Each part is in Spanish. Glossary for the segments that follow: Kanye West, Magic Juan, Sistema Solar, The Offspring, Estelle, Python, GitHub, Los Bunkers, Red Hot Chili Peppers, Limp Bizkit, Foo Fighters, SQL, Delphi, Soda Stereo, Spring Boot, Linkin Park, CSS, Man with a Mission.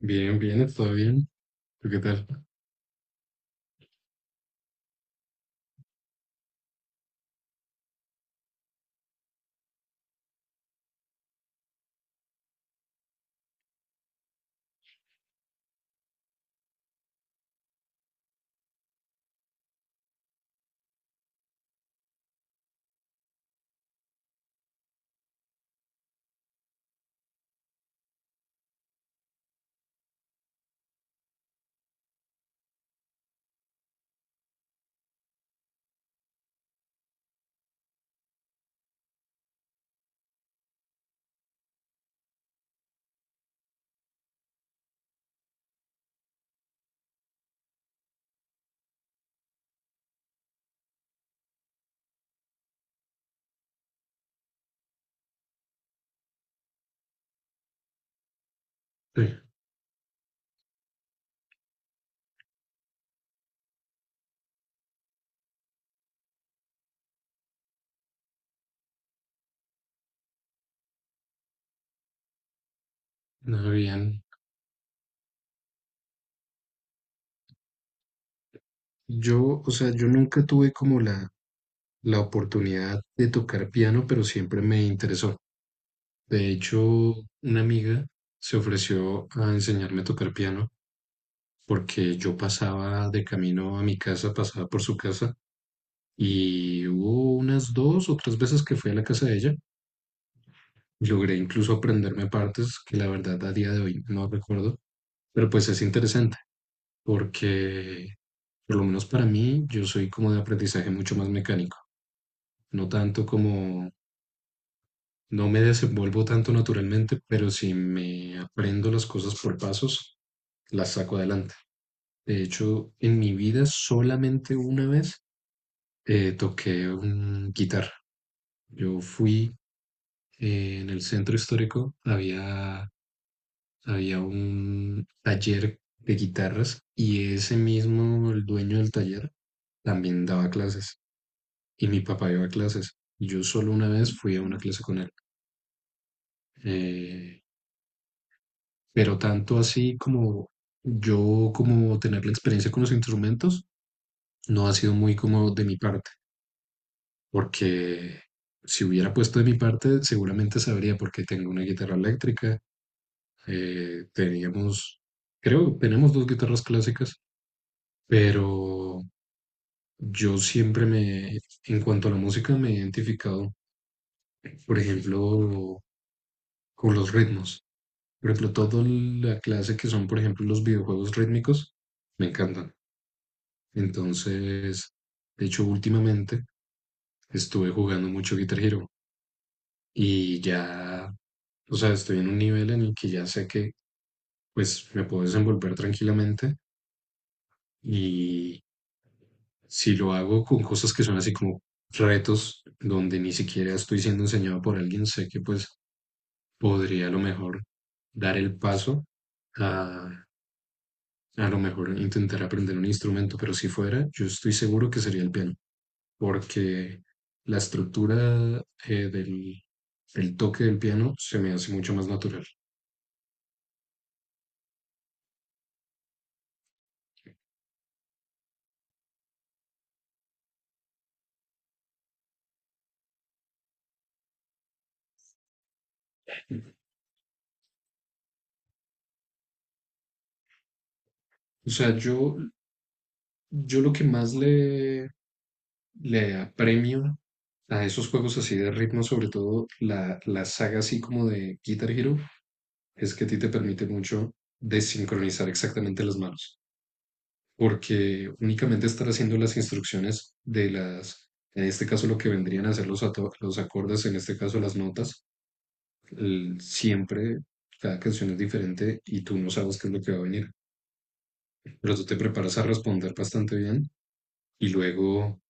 Bien, bien, todo bien. ¿Tú qué tal? Sí. No, bien. O sea, yo nunca tuve como la oportunidad de tocar piano, pero siempre me interesó. De hecho, una amiga se ofreció a enseñarme a tocar piano porque yo pasaba de camino a mi casa, pasaba por su casa, y hubo unas dos o tres veces que fui a la casa de ella. Logré incluso aprenderme partes que, la verdad, a día de hoy no recuerdo, pero pues es interesante, porque por lo menos para mí yo soy como de aprendizaje mucho más mecánico, no tanto como, no me desenvuelvo tanto naturalmente, pero si me aprendo las cosas por pasos, las saco adelante. De hecho, en mi vida solamente una vez toqué un guitarra. Yo fui, en el centro histórico, había un taller de guitarras, y ese mismo, el dueño del taller, también daba clases, y mi papá iba a clases. Yo solo una vez fui a una clase con él. Eh, pero tanto así como yo, como tener la experiencia con los instrumentos, no ha sido muy como de mi parte, porque si hubiera puesto de mi parte, seguramente sabría, porque tengo una guitarra eléctrica, teníamos, creo, tenemos dos guitarras clásicas, pero yo siempre me, en cuanto a la música, me he identificado, por ejemplo, con los ritmos. Por ejemplo, toda la clase que son, por ejemplo, los videojuegos rítmicos, me encantan. Entonces, de hecho, últimamente estuve jugando mucho Guitar Hero, y ya, o sea, estoy en un nivel en el que ya sé que pues me puedo desenvolver tranquilamente, y si lo hago con cosas que son así como retos donde ni siquiera estoy siendo enseñado por alguien, sé que pues podría a lo mejor dar el paso a A lo mejor, intentar aprender un instrumento. Pero si fuera, yo estoy seguro que sería el piano, porque la estructura eh, del, el toque del piano se me hace mucho más natural. O sea, yo lo que más le apremio a esos juegos así de ritmo, sobre todo la saga así como de Guitar Hero, es que a ti te permite mucho desincronizar exactamente las manos, porque únicamente estar haciendo las instrucciones de las, en este caso lo que vendrían a ser los, los acordes, en este caso las notas, siempre cada canción es diferente y tú no sabes qué es lo que va a venir, pero tú te preparas a responder bastante bien. Y luego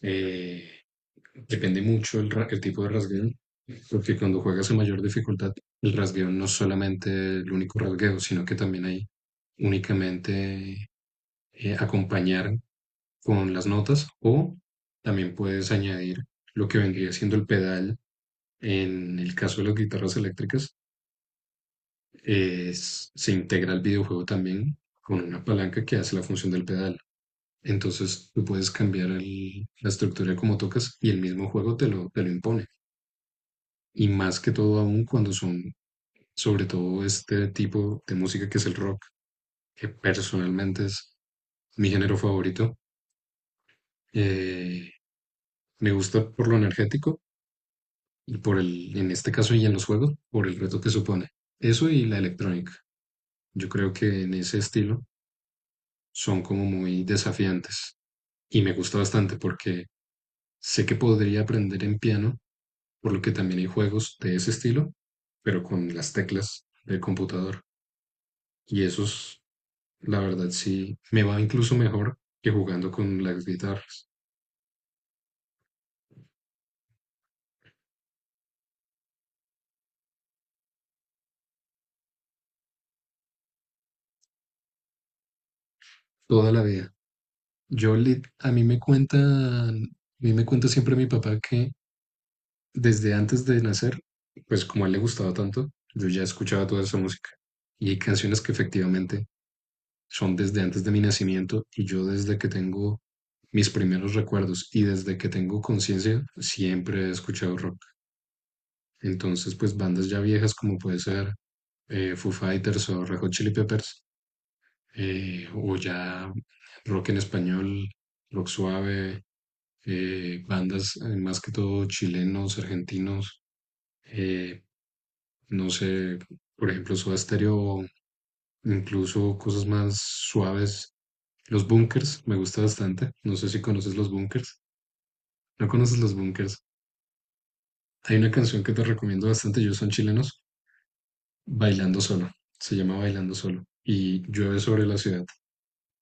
eh, depende mucho el tipo de rasgueo, porque cuando juegas a mayor dificultad, el rasgueo no es solamente el único rasgueo, sino que también hay únicamente, acompañar con las notas, o también puedes añadir lo que vendría siendo el pedal. En el caso de las guitarras eléctricas, se integra el videojuego también con una palanca que hace la función del pedal. Entonces tú puedes cambiar la estructura como tocas, y el mismo juego te lo impone. Y más que todo, aún cuando son sobre todo este tipo de música que es el rock, que personalmente es mi género favorito. Eh, Me gusta por lo energético, y por el, en este caso y en los juegos, por el reto que supone. Eso y la electrónica. Yo creo que en ese estilo son como muy desafiantes, y me gusta bastante porque sé que podría aprender en piano, por lo que también hay juegos de ese estilo, pero con las teclas del computador. Y esos, la verdad, sí me va incluso mejor que jugando con las guitarras. Toda la vida. Yo, a mí me cuentan, a mí me cuenta siempre mi papá que desde antes de nacer, pues como a él le gustaba tanto, yo ya escuchaba toda esa música. Y hay canciones que efectivamente son desde antes de mi nacimiento, y yo desde que tengo mis primeros recuerdos y desde que tengo conciencia siempre he escuchado rock. Entonces, pues bandas ya viejas como puede ser Foo Fighters o Red Hot Chili Peppers, o ya rock en español, rock suave, bandas, más que todo chilenos, argentinos, eh, no sé, por ejemplo, Soda Stereo, o incluso cosas más suaves. Los Bunkers, me gusta bastante. No sé si conoces los Bunkers. ¿No conoces los Bunkers? Hay una canción que te recomiendo bastante, ellos son chilenos: Bailando Solo. Se llama Bailando Solo. Y Llueve sobre la ciudad.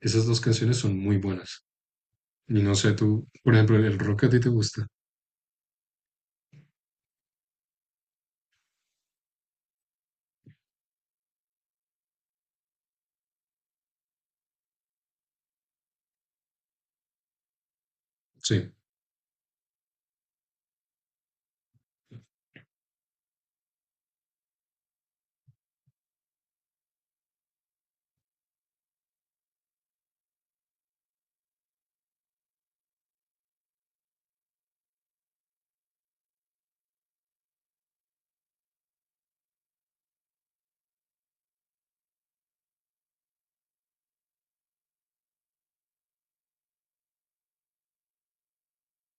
Esas dos canciones son muy buenas. Y no sé, tú, por ejemplo, el rock, a ti te gusta. Sí,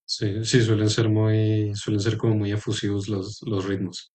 sí, sí, suelen ser muy, suelen ser como muy efusivos los ritmos.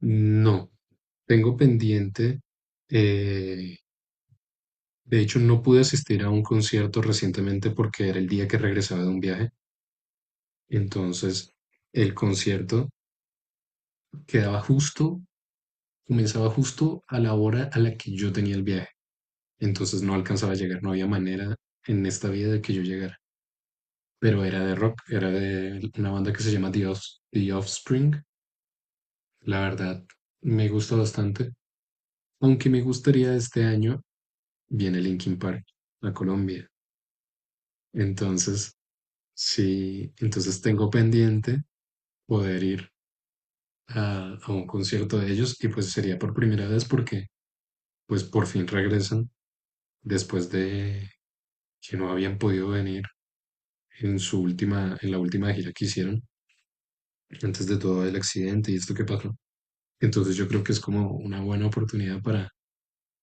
No, tengo pendiente. eh, de hecho, no pude asistir a un concierto recientemente porque era el día que regresaba de un viaje. Entonces, el concierto quedaba justo, comenzaba justo a la hora a la que yo tenía el viaje. Entonces no alcanzaba a llegar, no había manera en esta vida de que yo llegara. Pero era de rock, era de una banda que se llama The Offspring. La verdad, me gusta bastante. Aunque me gustaría, este año viene Linkin Park a Colombia. Entonces, sí, entonces tengo pendiente poder ir a un concierto de ellos, y pues sería por primera vez, porque pues por fin regresan después de que no habían podido venir en su última, en la última gira que hicieron, antes de todo el accidente y esto que pasó. Entonces yo creo que es como una buena oportunidad para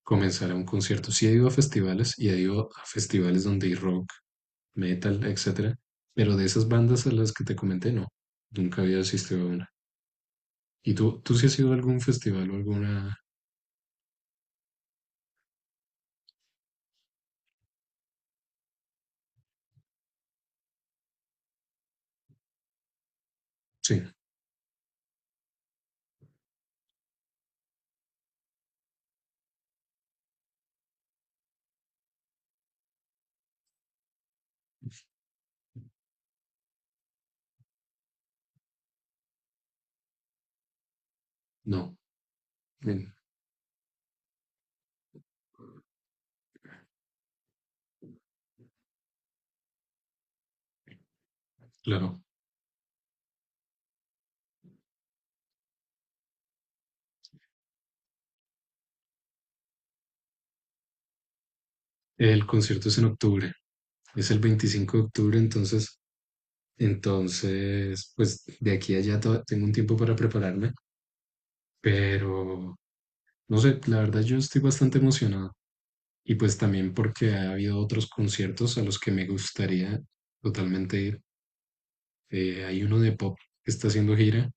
comenzar a un concierto. Sí he ido a festivales, y he ido a festivales donde hay rock, metal, etcétera, pero de esas bandas a las que te comenté, no, nunca había asistido a una. ¿Y tú sí has ido a algún festival o alguna? Sí. No, bien. Claro. El concierto es en octubre, es el 25 de octubre, entonces, entonces, pues de aquí a allá tengo un tiempo para prepararme, pero no sé, la verdad yo estoy bastante emocionado. Y pues también porque ha habido otros conciertos a los que me gustaría totalmente ir. Hay uno de pop que está haciendo gira,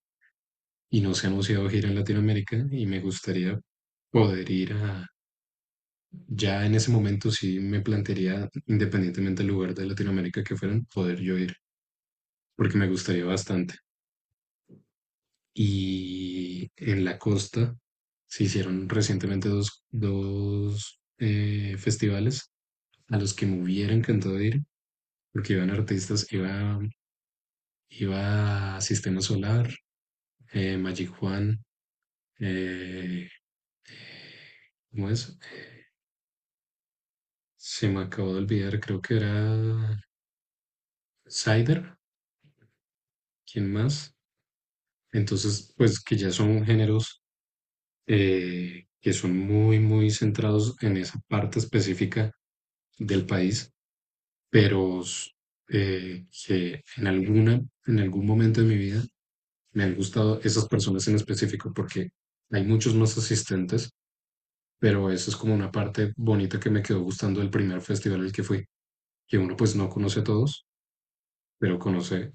y no se ha anunciado gira en Latinoamérica, y me gustaría poder ir a, ya en ese momento sí me plantearía, independientemente del lugar de Latinoamérica que fueran, poder yo ir, porque me gustaría bastante. Y en la costa se hicieron recientemente dos festivales a los que me hubiera encantado ir, porque iban artistas, iba a Sistema Solar, Magic Juan, eh, ¿cómo es? Se me acabó de olvidar, creo que era Cider, ¿quién más? Entonces, pues que ya son géneros, que son muy, muy centrados en esa parte específica del país, pero que en alguna, en algún momento de mi vida me han gustado esas personas en específico, porque hay muchos más asistentes, pero eso es como una parte bonita que me quedó gustando del primer festival al que fui, que uno pues no conoce a todos, pero conoce,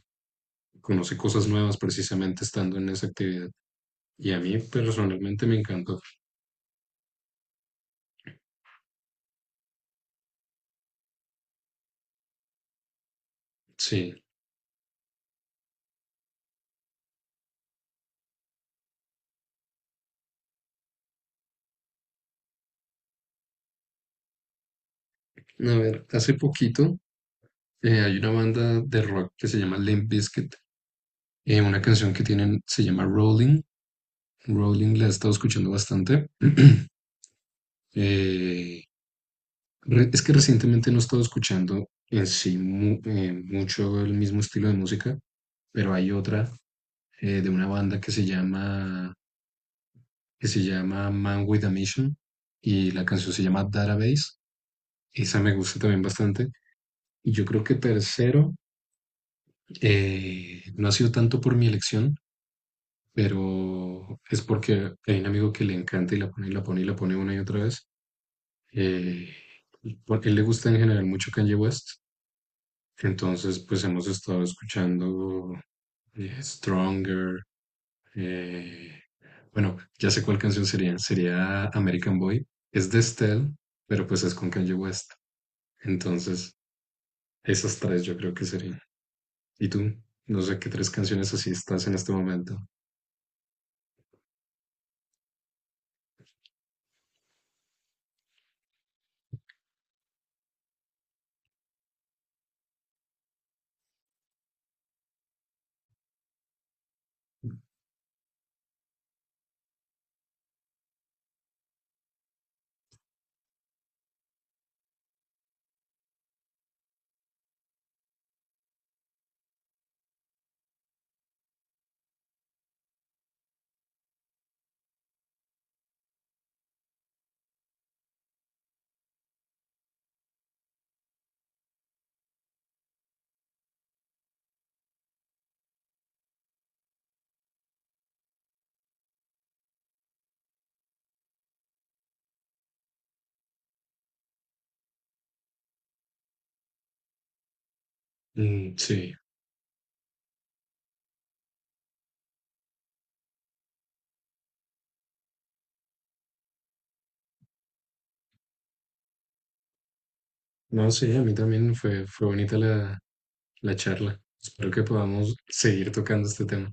conoce cosas nuevas precisamente estando en esa actividad. Y a mí personalmente me encantó. Sí, a ver, hace poquito, hay una banda de rock que se llama Limp Bizkit, una canción que tienen se llama Rolling. Rolling la he estado escuchando bastante. Eh, es que recientemente no he estado escuchando en sí mucho el mismo estilo de música, pero hay otra, de una banda que se llama Man with a Mission, y la canción se llama Database. Esa me gusta también bastante. Y yo creo que tercero, no ha sido tanto por mi elección, pero es porque hay un amigo que le encanta y la pone y la pone y la pone una y otra vez. Eh, Porque a él le gusta en general mucho Kanye West. Entonces, pues hemos estado escuchando, Stronger. Eh, bueno, ya sé cuál canción sería. Sería American Boy. Es de Estelle, pero pues es con Kanye West. Entonces, esas tres yo creo que serían. ¿Y tú? No sé qué tres canciones así estás en este momento. Mm, sí. No, sí, a mí también fue bonita la charla. Espero que podamos seguir tocando este tema.